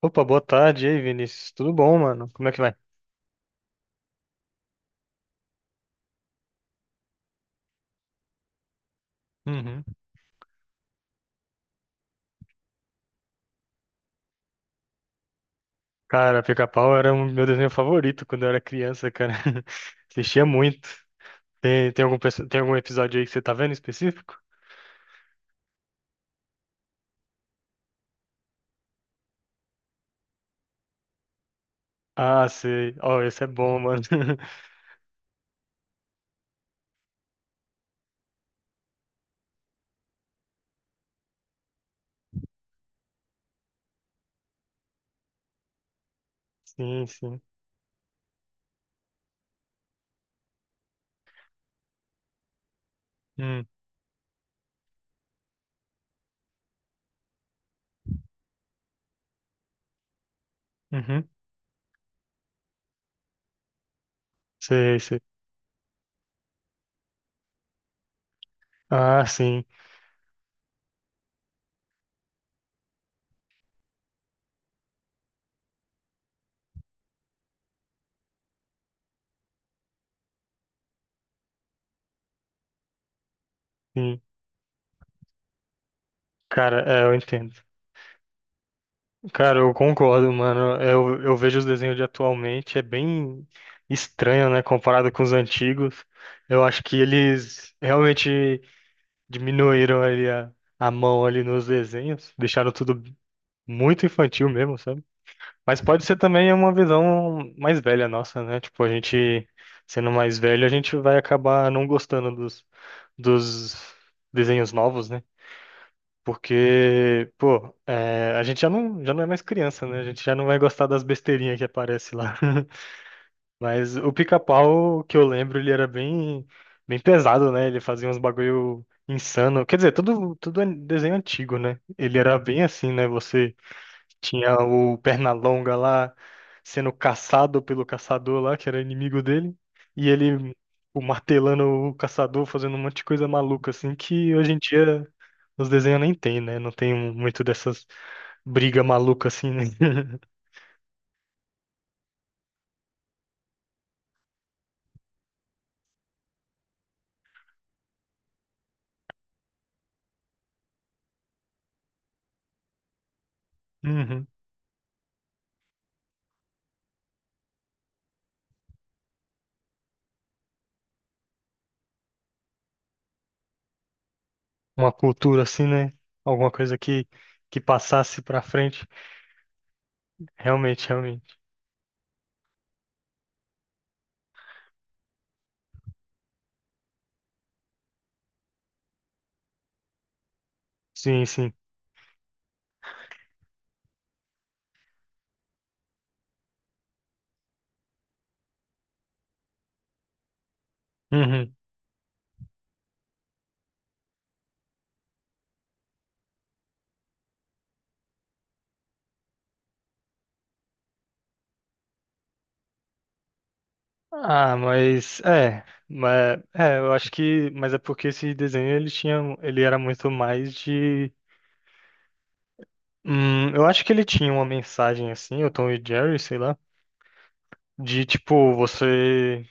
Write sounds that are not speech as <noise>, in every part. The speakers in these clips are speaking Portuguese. Opa, boa tarde, e aí, Vinícius? Tudo bom, mano? Como é que vai? Uhum. Cara, Pica-Pau era um meu desenho favorito quando eu era criança, cara. <laughs> Assistia muito. Tem algum episódio aí que você tá vendo em específico? Ah, sei. Ó, esse é bom, mano. <laughs> Sim, sim. Hum, uhum. Sei, sei. Ah, sim, sim. Cara, é, eu entendo. Cara, eu concordo, mano. Eu vejo os desenhos de atualmente, é bem estranho, né, comparado com os antigos. Eu acho que eles realmente diminuíram ali a mão ali nos desenhos, deixaram tudo muito infantil mesmo, sabe? Mas pode ser também uma visão mais velha nossa, né? Tipo, a gente sendo mais velho, a gente vai acabar não gostando dos desenhos novos, né? Porque, pô, é, a gente já não é mais criança, né? A gente já não vai gostar das besteirinhas que aparece lá. <laughs> Mas o pica-pau que eu lembro, ele era bem, bem pesado, né? Ele fazia uns bagulho insano. Quer dizer, tudo, tudo é desenho antigo, né? Ele era bem assim, né? Você tinha o Pernalonga lá sendo caçado pelo caçador lá, que era inimigo dele, e ele o martelando o caçador, fazendo um monte de coisa maluca, assim, que hoje em dia os desenhos nem tem, né? Não tem muito dessas briga maluca assim, né? <laughs> Uhum. Uma cultura assim, né? Alguma coisa que passasse pra frente. Realmente, realmente. Sim, sim. Uhum. Ah, mas é, eu acho que, mas é porque esse desenho ele tinha, ele era muito mais de, eu acho que ele tinha uma mensagem assim, o Tom e Jerry, sei lá, de tipo você,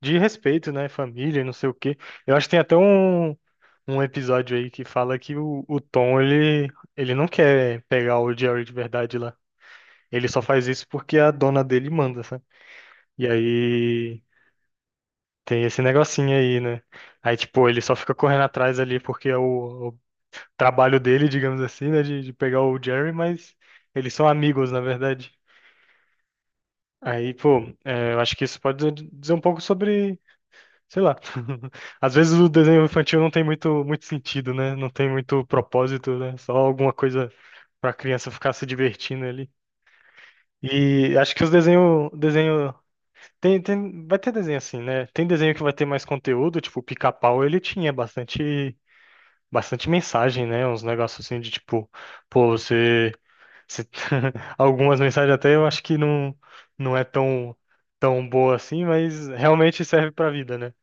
de respeito, né, família, e não sei o quê. Eu acho que tem até um episódio aí que fala que o Tom ele não quer pegar o Jerry de verdade lá. Ele só faz isso porque a dona dele manda, sabe? E aí tem esse negocinho aí, né? Aí, tipo, ele só fica correndo atrás ali porque é o trabalho dele, digamos assim, né? De pegar o Jerry, mas eles são amigos, na verdade. Aí, pô, é, eu acho que isso pode dizer um pouco sobre, sei lá. <laughs> Às vezes o desenho infantil não tem muito, muito sentido, né? Não tem muito propósito, né? Só alguma coisa pra criança ficar se divertindo ali. E acho que os desenho. Tem, vai ter desenho assim, né? Tem desenho que vai ter mais conteúdo, tipo, o Pica-Pau, ele tinha bastante, bastante mensagem, né? Uns negócios assim de tipo, pô, você. <laughs> Algumas mensagens até eu acho que não, não é tão, tão boa assim, mas realmente serve pra vida, né?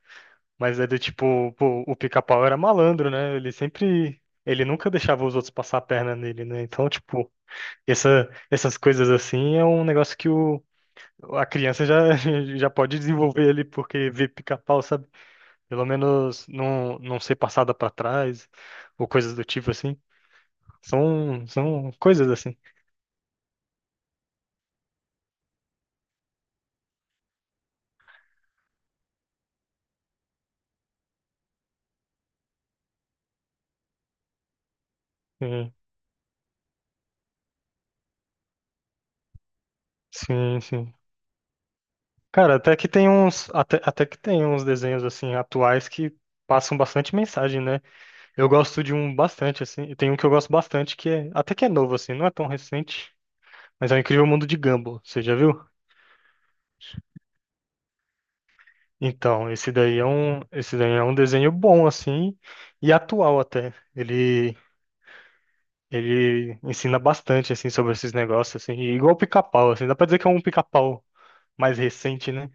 Mas é do tipo, pô, o Pica-Pau era malandro, né? Ele nunca deixava os outros passar a perna nele, né? Então, tipo, essas coisas assim é um negócio que o a criança já, <laughs> já pode desenvolver ali porque vê pica-pau, sabe? Pelo menos não, não ser passada pra trás ou coisas do tipo assim. São coisas assim. Sim, sim. Sim. Cara, até que tem uns desenhos assim atuais que passam bastante mensagem, né? Eu gosto de um bastante assim. Tem um que eu gosto bastante que é, até que é novo assim, não é tão recente, mas é o Incrível Mundo de Gumball. Você já viu? Então, esse daí é um desenho bom assim e atual até. Ele ensina bastante assim sobre esses negócios assim, e igual o Pica-Pau assim, dá pra dizer que é um Pica-Pau mais recente, né?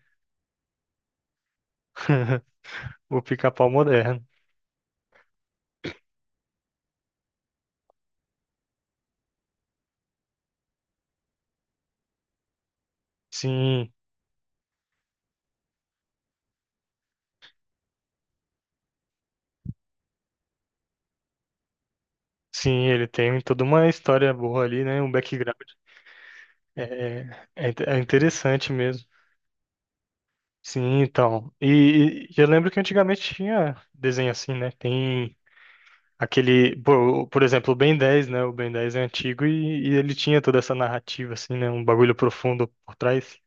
<laughs> O Pica-Pau moderno. Sim, sim, ele tem toda uma história boa ali, né? Um background é, é interessante mesmo. Sim, então. E eu lembro que antigamente tinha desenho assim, né? Tem aquele, por exemplo, o Ben 10, né? O Ben 10 é antigo e ele tinha toda essa narrativa, assim, né? Um bagulho profundo por trás.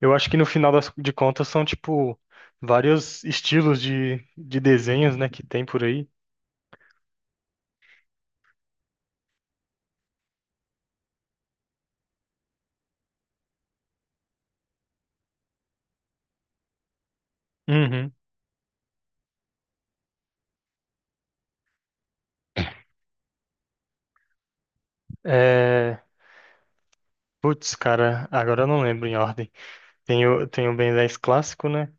Eu acho que no final de contas são, tipo, vários estilos de desenhos, né? Que tem por aí. Uhum. É... Putz, cara, agora eu não lembro em ordem. Tem o Ben 10 clássico, né?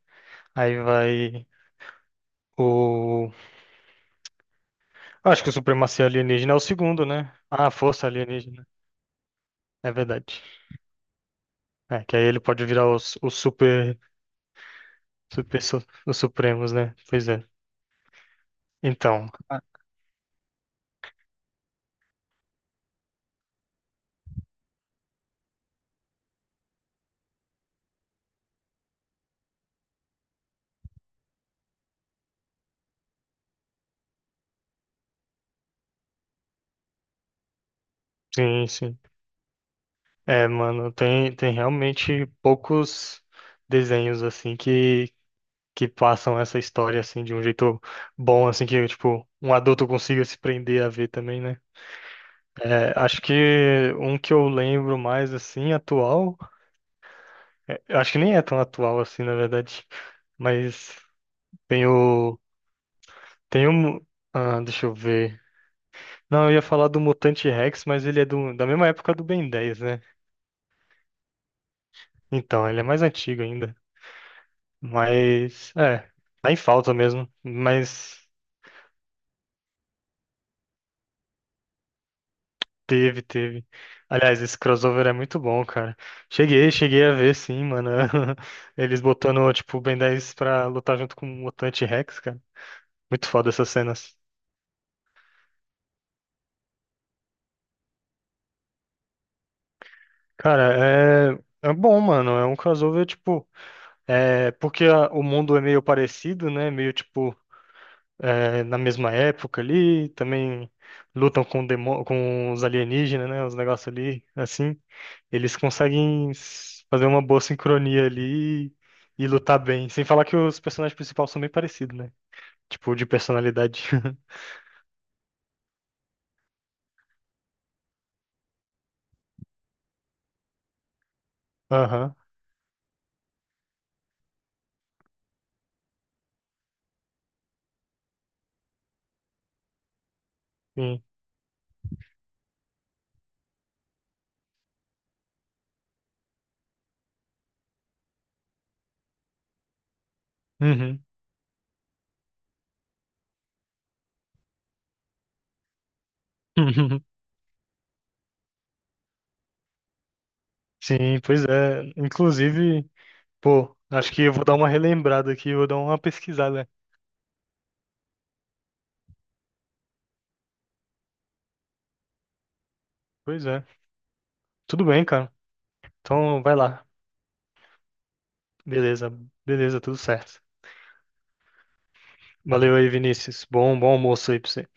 Aí vai o. Acho que o Supremacia Alienígena é o segundo, né? Ah, Força Alienígena. É verdade. É, que aí ele pode virar os super Super su- os Supremos, né? Pois é. Então, ah, sim, sim. É, mano, tem realmente poucos desenhos, assim, que passam essa história, assim, de um jeito bom, assim, que, tipo, um adulto consiga se prender a ver também, né? É, acho que um que eu lembro mais, assim, atual, é, eu acho que nem é tão atual, assim, na verdade, mas tem o, tem um, ah, deixa eu ver. Não, eu ia falar do Mutante Rex, mas ele é da mesma época do Ben 10, né? Então, ele é mais antigo ainda. Mas, é, tá em falta mesmo. Mas teve, teve. Aliás, esse crossover é muito bom, cara. Cheguei, cheguei a ver, sim, mano. <laughs> Eles botando, tipo, o Ben 10 pra lutar junto com o Mutante Rex, cara. Muito foda essas cenas. Cara, é bom, mano. É um crossover, tipo. É, porque o mundo é meio parecido, né? Meio tipo. Na mesma época ali, também lutam com os alienígenas, né? Os negócios ali, assim, eles conseguem fazer uma boa sincronia ali e lutar bem. Sem falar que os personagens principais são bem parecidos, né? Tipo, de personalidade. <laughs> Aham, sim. Uhum. <laughs> Sim, pois é. Inclusive, pô, acho que eu vou dar uma relembrada aqui, vou dar uma pesquisada. Pois é. Tudo bem, cara. Então, vai lá. Beleza, beleza, tudo certo. Valeu aí, Vinícius. Bom almoço aí pra você.